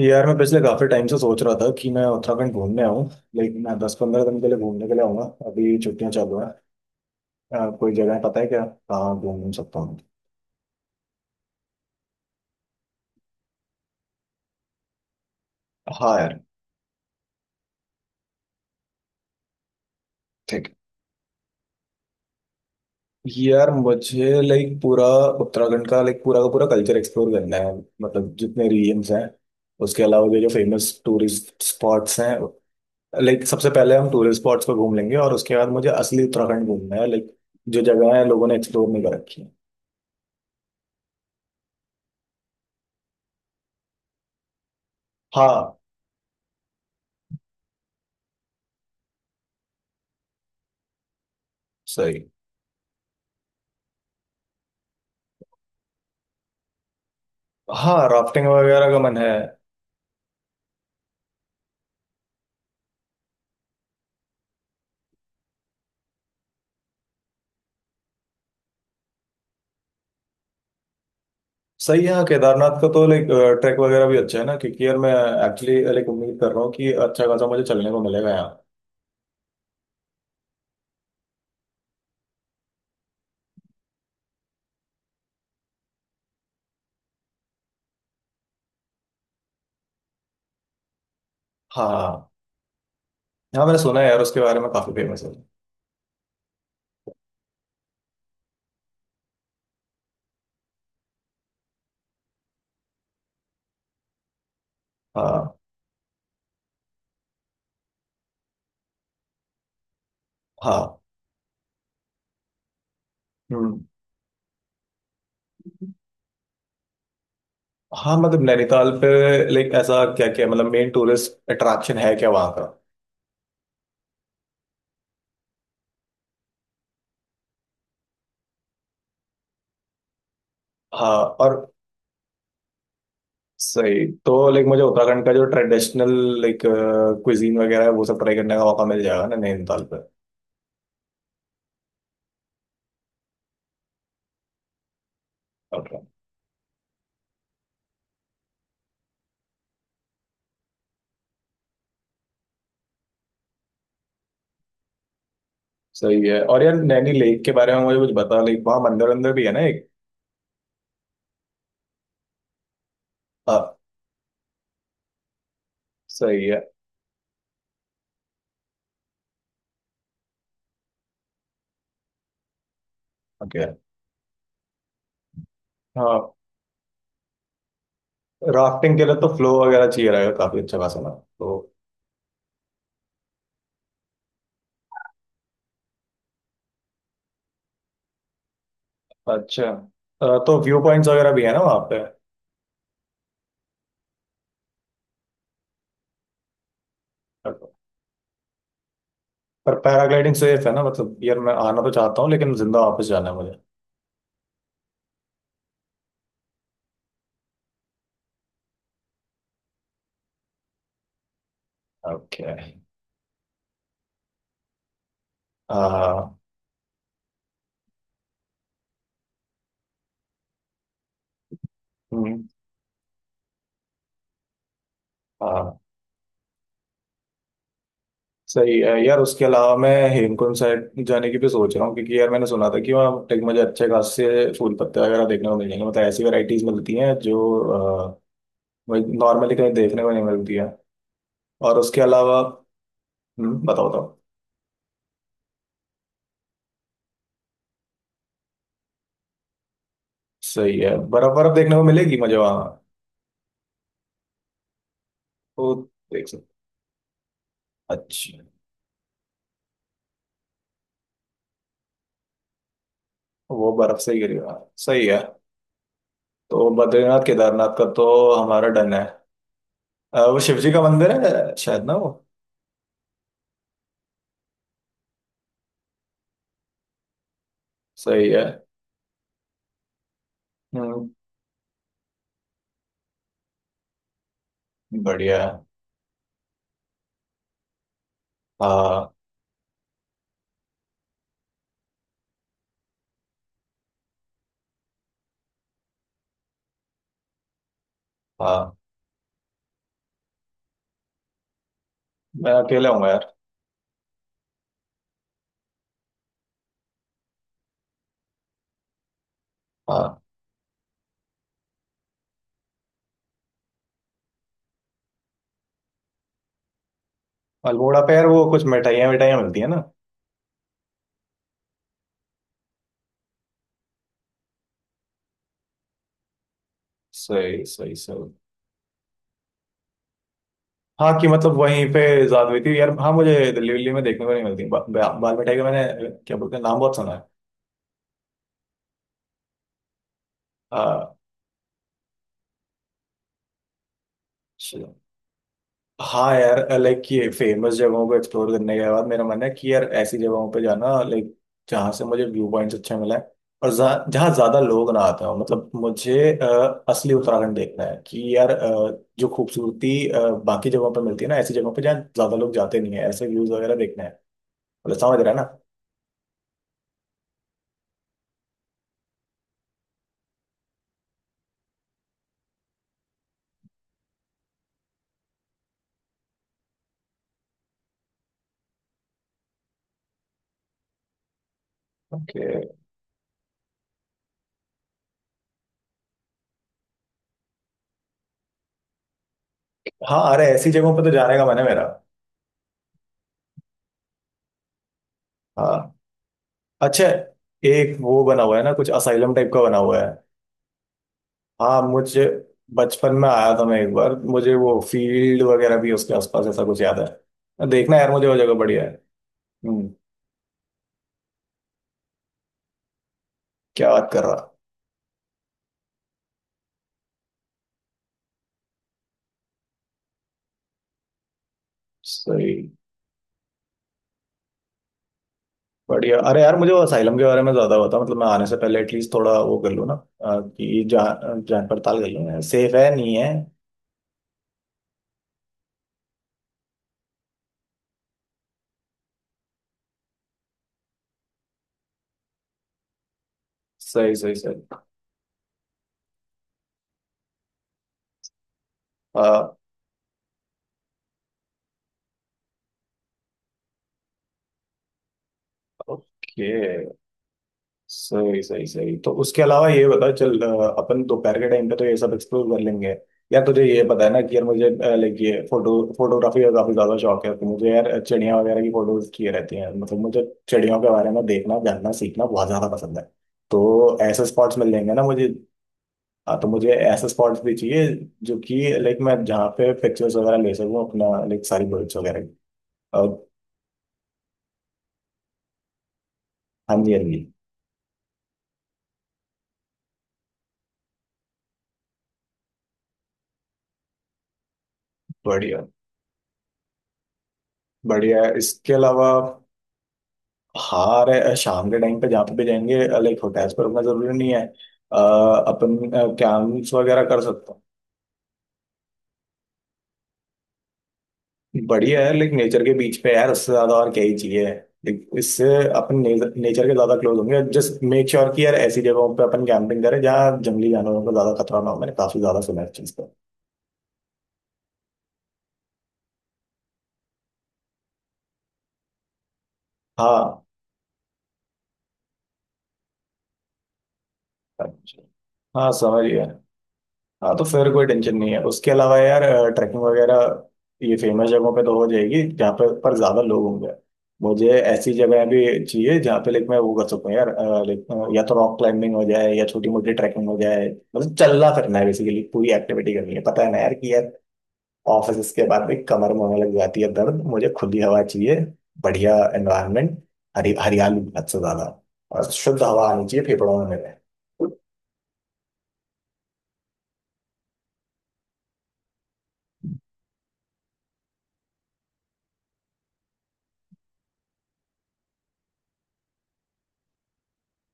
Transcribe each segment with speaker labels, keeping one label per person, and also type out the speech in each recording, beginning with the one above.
Speaker 1: यार मैं पिछले काफी टाइम से सोच रहा था कि मैं उत्तराखंड घूमने आऊँ। लेकिन मैं 10 15 दिन के लिए घूमने के लिए आऊंगा। अभी छुट्टियां चालू हैं। कोई जगह पता है क्या कहाँ घूम घूम सकता हूँ? हाँ यार। ठीक है। यार मुझे लाइक पूरा उत्तराखंड का लाइक पूरा का पूरा कल्चर एक्सप्लोर करना है। मतलब जितने रीजन्स हैं उसके अलावा जो जो फेमस टूरिस्ट स्पॉट्स हैं, लाइक सबसे पहले हम टूरिस्ट स्पॉट्स पर घूम लेंगे और उसके बाद मुझे असली उत्तराखंड घूमना है। लाइक जो जगह है लोगों ने एक्सप्लोर नहीं कर रखी है। हाँ। सही। हाँ, राफ्टिंग वगैरह का मन है। सही है। हाँ, केदारनाथ का तो लाइक ट्रैक वगैरह भी अच्छा है ना, क्योंकि यार मैं एक्चुअली लाइक उम्मीद कर रहा हूँ कि अच्छा खासा मुझे चलने को मिलेगा यहाँ। हाँ हाँ हाँ, मैंने सुना है यार उसके बारे में, काफी फेमस है। हाँ हाँ। हम्म। हाँ मतलब नैनीताल पे लाइक ऐसा क्या क्या मतलब मेन टूरिस्ट अट्रैक्शन है क्या वहाँ का? हाँ। और सही, तो लाइक मुझे उत्तराखंड का जो ट्रेडिशनल लाइक क्विजीन वगैरह है वो सब ट्राई करने का मौका मिल जाएगा ना नैनीताल पे? Okay। सही है। और यार नैनी लेक के बारे में मुझे कुछ बता, लाइक वहाँ मंदिर अंदर भी है ना एक? हाँ। सही है। ओके। हाँ, राफ्टिंग के लिए तो फ्लो वगैरह चाहिए रहेगा काफी अच्छा खासा ना तो। अच्छा। तो व्यू पॉइंट्स वगैरह भी है ना वहाँ पे? पर पैराग्लाइडिंग सेफ है ना? मतलब यार मैं आना तो चाहता हूँ लेकिन जिंदा वापस जाना है मुझे। ओके। हाँ। सही है यार, उसके अलावा मैं हेमकुंड साइड जाने की भी सोच रहा हूँ, क्योंकि यार मैंने सुना था कि वहाँ टेक मुझे अच्छे खासे फूल पत्ते वगैरह देखने को मिल जाएंगे। मतलब ऐसी वैरायटीज मिलती हैं जो नॉर्मली कहीं देखने को नहीं मिलती है। और उसके अलावा बताओ बताओ। सही है, बर्फ बर्फ देखने को मिलेगी मुझे वहाँ? तो देख सकते। अच्छा। वो बर्फ से ही गिरेगा, सही है। तो बद्रीनाथ केदारनाथ का तो हमारा डन है। वो शिव जी का मंदिर है शायद ना वो? सही है। हम्म। बढ़िया है। हाँ। हाँ मैं अकेला हूँ यार। हाँ। अल्मोड़ा पे यार वो कुछ मिठाइयाँ मिठाइयाँ मिलती है ना? सही सही सही। हाँ कि मतलब वहीं पे ज्यादा हुई थी यार। हाँ, मुझे दिल्ली विल्ली में देखने को नहीं मिलती। बा, बा, बाल मिठाई का मैंने क्या बोलते हैं नाम, बहुत सुना है। हाँ। हाँ यार, लाइक ये फेमस जगहों को एक्सप्लोर करने के बाद मेरा मन है कि यार ऐसी जगहों पे जाना लाइक जहाँ से मुझे व्यू पॉइंट्स अच्छे मिले हैं। और जहाँ जहाँ ज्यादा लोग ना आते हो, मतलब मुझे असली उत्तराखंड देखना है कि यार जो खूबसूरती बाकी जगहों पे मिलती है ना, ऐसी जगहों पे जहाँ ज्यादा लोग जाते नहीं है, ऐसे व्यूज वगैरह देखना है। मतलब समझ रहा है ना? Okay। हाँ, अरे ऐसी जगहों पे तो जाने का मन है मेरा। हाँ। अच्छा, एक वो बना हुआ है ना कुछ असाइलम टाइप का बना हुआ है? हाँ मुझे बचपन में आया था मैं एक बार, मुझे वो फील्ड वगैरह भी उसके आसपास ऐसा कुछ याद है, देखना यार, मुझे वो जगह बढ़िया है। हम्म। क्या बात कर रहा। सही। बढ़िया, अरे यार मुझे वो असाइलम के बारे में ज्यादा पता, मतलब मैं आने से पहले एटलीस्ट थोड़ा वो कर लूँ ना, कि जान जान पड़ताल कर लूँ सेफ है नहीं है। सही सही सही। ओके। सही सही सही। तो उसके अलावा ये बता चल अपन दोपहर के टाइम पे तो ये सब एक्सप्लोर कर लेंगे। यार तुझे ये पता है ना कि यार मुझे लाइक ये फोटोग्राफी का काफी ज्यादा शौक है, तो मुझे यार चिड़िया वगैरह की फोटोज किए रहती हैं। मतलब मुझे चिड़ियों के बारे में देखना जानना सीखना बहुत ज्यादा पसंद है। तो ऐसे स्पॉट्स मिल जाएंगे ना मुझे? हाँ, तो मुझे ऐसे स्पॉट्स भी चाहिए जो कि लाइक मैं जहाँ पे पिक्चर्स वगैरह ले सकूँ अपना, लाइक सारी बर्ड्स वगैरह की। और हाँ जी हाँ जी। बढ़िया। बढ़िया, इसके अलावा? हाँ रे, शाम के टाइम पे जहाँ पे भी जाएंगे, लाइक होटल्स पर रुकना जरूरी नहीं है। अपन कैंप्स वगैरह कर सकते हैं। बढ़िया है, लाइक नेचर के बीच पे यार, उससे ज्यादा और क्या ही चाहिए। लाइक इससे अपन नेचर के ज्यादा क्लोज होंगे। जस्ट मेक श्योर कि यार ऐसी जगहों पे अपन कैंपिंग करें जहाँ जंगली जानवरों को ज्यादा खतरा ना हो। मैंने काफी ज्यादा सुना है इस चीज का। हाँ हाँ समझ गया। हाँ, तो फिर कोई टेंशन नहीं है। उसके अलावा यार ट्रैकिंग वगैरह ये फेमस जगहों पे तो हो जाएगी जहाँ पे, पर ज्यादा लोग होंगे, मुझे ऐसी जगह भी चाहिए जहाँ पे लाइक मैं वो कर सकूँ यार। लाइक या तो रॉक क्लाइंबिंग हो जाए या छोटी मोटी ट्रैकिंग हो जाए। मतलब चलना फिरना है बेसिकली, पूरी एक्टिविटी करनी है, पता है ना यार कि यार ऑफिस के बाद में कमर में होने लग जाती है दर्द, मुझे खुली हवा चाहिए, बढ़िया एनवायरनमेंट, हरी हरियाली हद से ज्यादा, और शुद्ध हवा आनी चाहिए फेफड़ों में मेरे।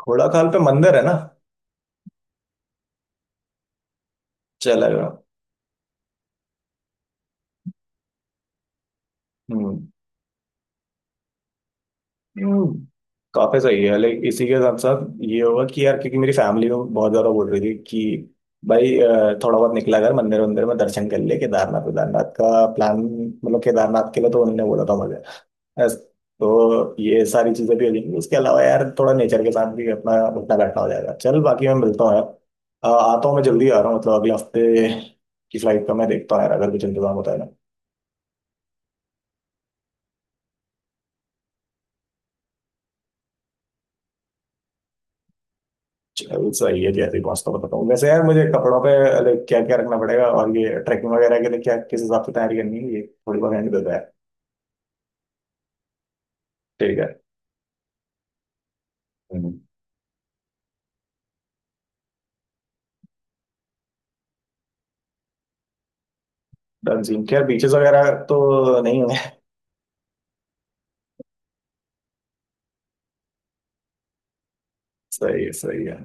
Speaker 1: घोड़ाखाल पे मंदिर है ना? चलेगा। हम्म। हम्म, काफी सही है। लाइक इसी के साथ साथ ये होगा कि यार, क्योंकि मेरी फैमिली को बहुत ज्यादा बोल रही थी कि भाई थोड़ा बहुत निकला कर मंदिर वंदिर में दर्शन कर ले, केदारनाथ केदारनाथ का प्लान। मतलब केदारनाथ के लिए तो उन्होंने बोला था मुझे। बस, तो ये सारी चीजें भी हो जाएंगी। उसके अलावा यार थोड़ा नेचर के साथ भी अपना उठना बैठना हो जाएगा। चल बाकी, मैं मिलता हूँ यार। आता हूँ, मैं जल्दी आ रहा हूँ, मतलब अगले हफ्ते की फ्लाइट का मैं देखता हूँ यार, अगर कुछ इंतजाम होता है ना। चलो, सही है, जैसे ही पहुंचता हूँ बताता हूँ। वैसे यार मुझे कपड़ों पे लाइक क्या क्या रखना पड़ेगा और ये ट्रैकिंग वगैरह के लिए क्या किस हिसाब से तैयारी करनी है, ये थोड़ी बहुत हैंड देता है। ठीक है। हम्म। डन। सीन, क्या बीचेस वगैरह तो नहीं होंगे? सही है सही है।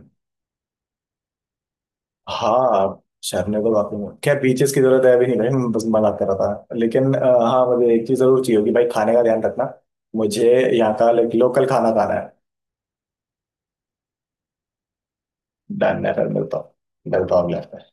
Speaker 1: हाँ शहरने तो बाकी में, क्या बीचेस की जरूरत है अभी, नहीं भाई मैं बस मजाक कर रहा था। लेकिन हाँ मुझे एक चीज जरूर चाहिए होगी भाई, खाने का ध्यान रखना। मुझे यहाँ का लाइक लोकल खाना खाना है। डन है। फिर मिलता हूँ। मिलता हूँ अगले हफ्ते।